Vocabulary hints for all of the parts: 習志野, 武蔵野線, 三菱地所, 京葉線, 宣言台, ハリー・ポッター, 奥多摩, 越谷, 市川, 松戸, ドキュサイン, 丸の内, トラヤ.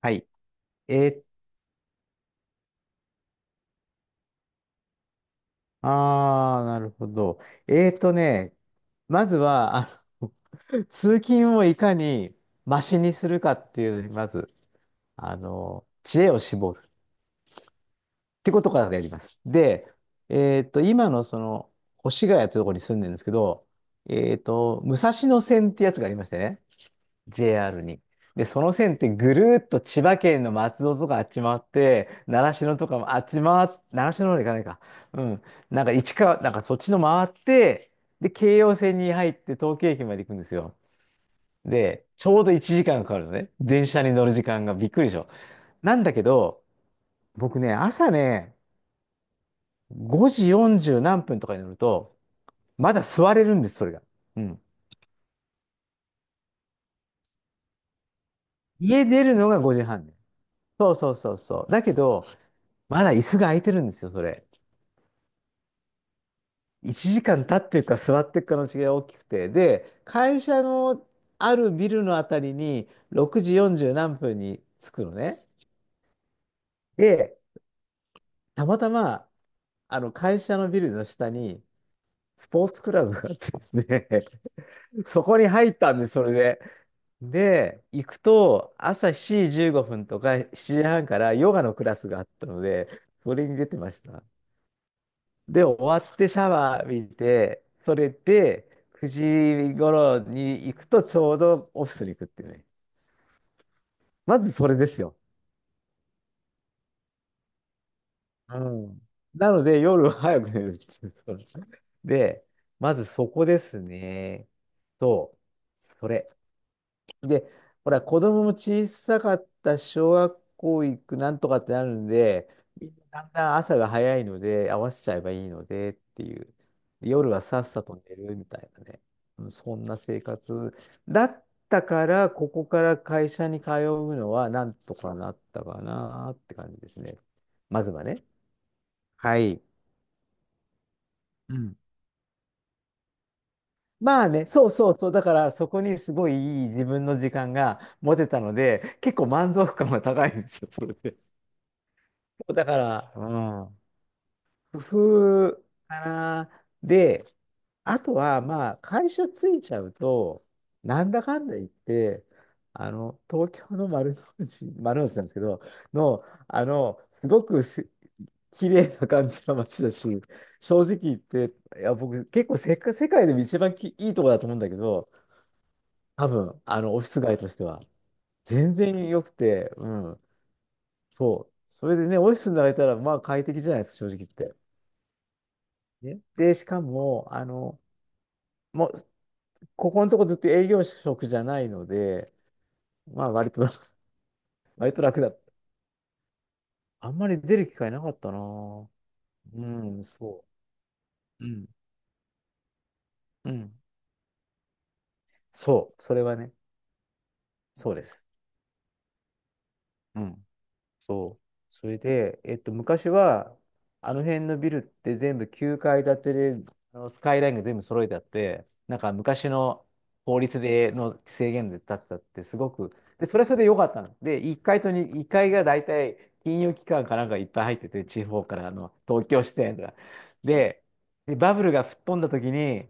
はい。えー、あー、なるほど。えーとね、まずは、通勤をいかにマシにするかっていうのに、まず、知恵を絞るってことからやります。で、今のその、越谷ってところに住んでるんですけど、武蔵野線ってやつがありましてね。JR に。で、その線ってぐるーっと千葉県の松戸とかあっち回って、習志野とかもあっち回っ、習志野の方に行かないか。うん。なんか市川、なんかそっちの回って、で、京葉線に入って東京駅まで行くんですよ。で、ちょうど1時間かんかかるのね。電車に乗る時間がびっくりでしょ。なんだけど、僕ね、朝ね、5時40何分とかに乗ると、まだ座れるんです、それが。うん。家出るのが5時半ね。そうそうそうそう。だけど、まだ椅子が空いてるんですよ、それ。1時間立ってるか座ってるかの違いが大きくて、で、会社のあるビルのあたりに6時40何分に着くのね。で、たまたま、会社のビルの下にスポーツクラブがあってですね、そこに入ったんです、それで。で、行くと、朝7時15分とか7時半からヨガのクラスがあったので、それに出てました。で、終わってシャワー浴びて、それで、9時頃に行くとちょうどオフィスに行くっていうね。まずそれですよ。うん。なので、夜は早く寝るっていう。で、まずそこですね。そう。それ。で、ほら、子供も小さかった小学校行くなんとかってなるんで、みんなだんだん朝が早いので、合わせちゃえばいいのでっていう。で夜はさっさと寝るみたいなね。うんそんな生活だったから、ここから会社に通うのはなんとかなったかなって感じですね。まずはね。はい。うん。まあね、そうそうそう。だから、そこにすごいいい自分の時間が持てたので、結構満足感が高いんですよ、それで。だから、うん、工夫かな。で、あとは、まあ、会社ついちゃうと、なんだかんだ言って、東京の丸の内、丸の内なんですけど、の、すごくす綺麗な感じの街だし、正直言って、いや、僕、結構世界でも一番いいとこだと思うんだけど、多分、オフィス街としては、全然良くて、うん、そう。それでね、オフィスになれたら、まあ、快適じゃないですか、正直言って。ねで、しかも、もう、ここのとこずっと営業職じゃないので、まあ、割と、割と楽だった。あんまり出る機会なかったなぁ。うん、そう。うん、うん。そう、それはね、そうです。うん。そう。それで、昔は、あの辺のビルって全部9階建てで、あのスカイラインが全部揃えてあって、なんか昔の法律での制限で建てたって、すごく、で、それはそれで良かったの。で、1階と2、1階が大体金融機関かなんかいっぱい入ってて、地方からあの東京支店とか。で、バブルが吹っ飛んだ時に、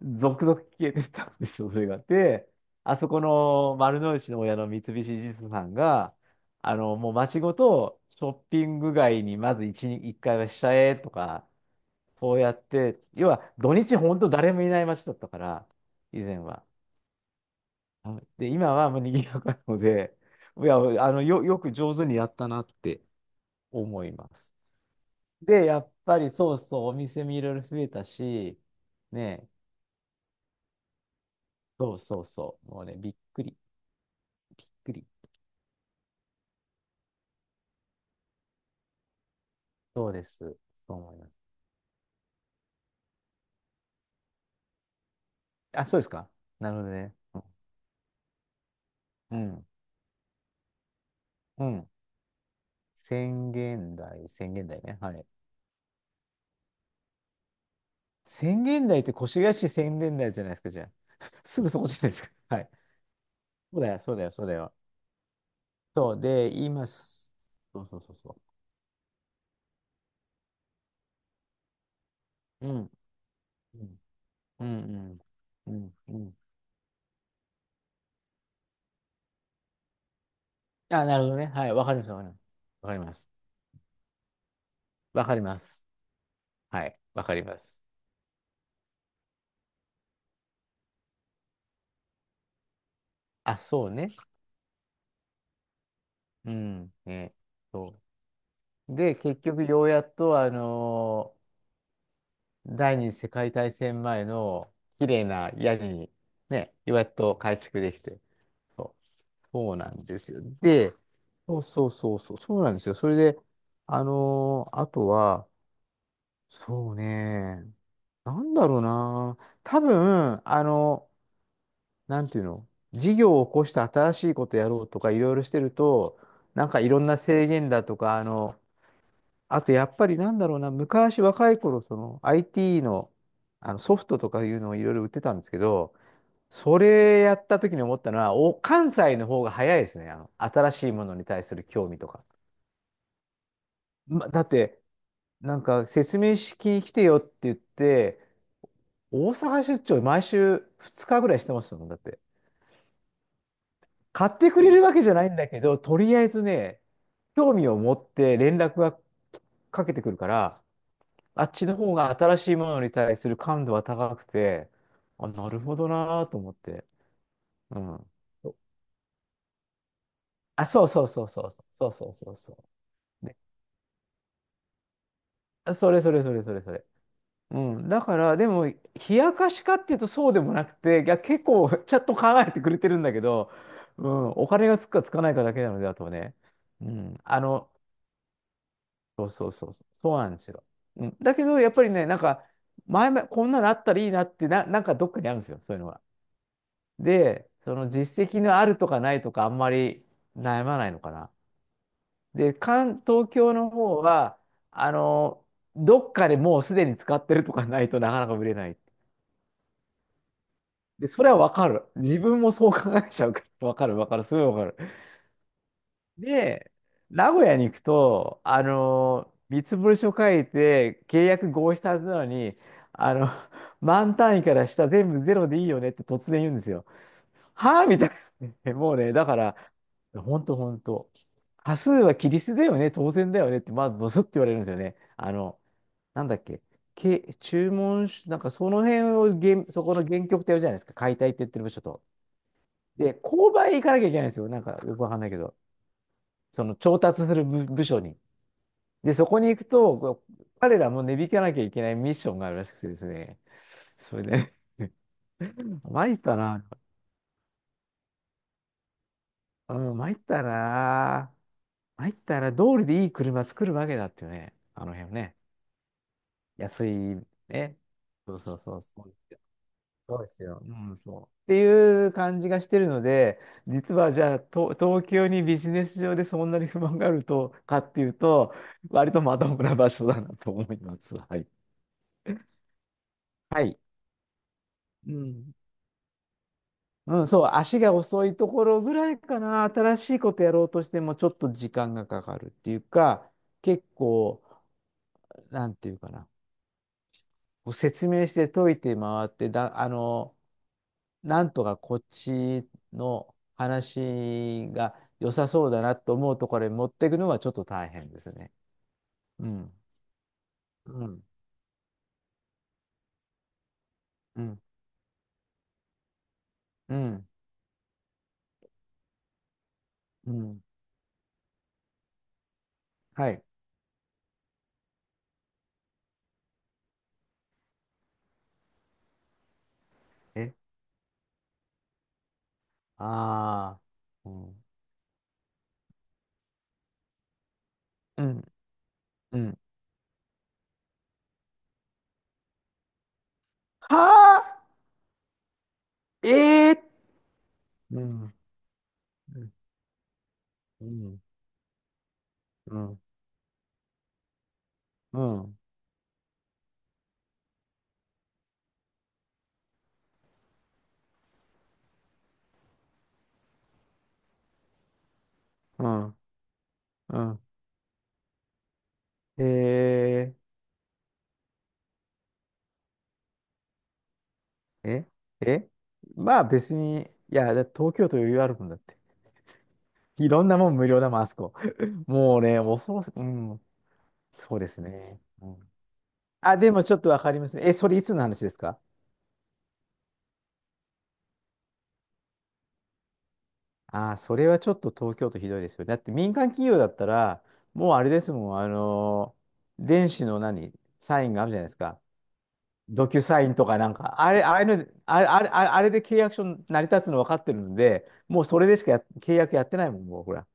続々消えてったんですよ、それが。で、あそこの丸の内の親の三菱地所さんが、もう街ごとショッピング街にまず一日一回はしちゃえとか、そうやって、要は土日本当誰もいない街だったから、以前は。はい。で、今はもう賑やかなので、いや、あの、よく上手にやったなって思います。で、やっぱりそうそう、お店もいろいろ増えたし、ね、そうそうそう、もうね、びっくり、びっくり。そうです。そう思います。あ、そうですか。なるほどね。うん。うん。うん。宣言台、宣言台ね。はい。宣言台って越谷市宣言台じゃないですか、じゃあ。すぐそこじゃないですか。はい。そうだよ、そうだよ、そうだよ。そう、で、今す、そうそうそうそう。うん。うん。うん。うん。うん。あ、なるほどね。はい。わかります、わかります。わかります。わかります。はい。わかります。あ、そうね。うん。ね。そう。で、結局、ようやっと、第二次世界大戦前の綺麗な屋根にね、やっと改築できて。そう、そうなんですよ。で、そうそうそうそう、そうなんですよ。それで、あとは、そうね、なんだろうな、多分、なんていうの、事業を起こして新しいことやろうとかいろいろしてると、なんかいろんな制限だとか、あとやっぱりなんだろうな、昔若い頃、その IT の、あのソフトとかいうのをいろいろ売ってたんですけど、それやった時に思ったのは、お、関西の方が早いですね。新しいものに対する興味とか。ま、だって、なんか説明式に来てよって言って、大阪出張毎週2日ぐらいしてますもん、だって。買ってくれるわけじゃないんだけど、とりあえずね、興味を持って連絡がかけてくるから、あっちの方が新しいものに対する感度は高くて、あ、なるほどなぁと思って。うん。あ、そうそうそうそうそうそうそうそう。で、それそれそれそれそれ。うん。だから、でも、冷やかしかっていうとそうでもなくて、いや、結構ちゃんと考えてくれてるんだけど、うん、お金がつくかつかないかだけなので、あとはね。うん。そうそうそうそう、そうなんですよ。うん。だけど、やっぱりね、なんか、前々、こんなのあったらいいなってな、なんかどっかにあるんですよ、そういうのが。で、その実績のあるとかないとかあんまり悩まないのかな。で、関東京の方は、あの、どっかでもうすでに使ってるとかないとなかなか売れない。で、それはわかる。自分もそう考えちゃうから、わかるわかる、すごいわかる。で、名古屋に行くと、見積書書いて契約合意したはずなのに、あの、万単位から下全部ゼロでいいよねって突然言うんですよ。はぁみたいな。もうね、だから、ほんとほんと。多数はキリストだよね、当然だよねって、まずドスって言われるんですよね。なんだっけ、注文し、なんかその辺を原、そこの原曲ってやるじゃないですか、解体って言ってる部署と。で、購買行かなきゃいけないんですよ。なんかよくわかんないけど、その調達する部署に。で、そこに行くと、こう彼らも値引かなきゃいけないミッションがあるらしくてですね。それで、参ったな。うん、参ったな。入ったら通りでいい車作るわけだってよね。あの辺ね。安いね。そうそうそう。そうですよ。そうですよ。うん、そう。っていう感じがしてるので、実はじゃあ、と東京にビジネス上でそんなに不満があるとかっていうと、割とまともな場所だなと思います。はい。はい。うん。うん、そう、足が遅いところぐらいかな。新しいことやろうとしても、ちょっと時間がかかるっていうか、結構、なんていうかな。こう説明して解いて回って、なんとかこっちの話が良さそうだなと思うところに持っていくのはちょっと大変ですね。うん。うん。うん。うん。うん。はい。え、ああ。うん。うん。うん。はあ、ええうん。うん。うん。うん。うん。うん。うんえええ、え、まあ別に、いや、だって東京都余裕あるもんだって。いろんなもん無料だもん、あそこ。もうね、恐ろしい。うん。そうですね。うん、あ、でもちょっとわかりますね。え、それいつの話ですか？ああ、それはちょっと東京都ひどいですよ。だって民間企業だったら、もうあれですもん、電子の何、サインがあるじゃないですか。ドキュサインとかなんか、あれ、ああいうの、あれ、あれ、あれあれで契約書成り立つの分かってるんで、もうそれでしかや契約やってないもん、もうほら。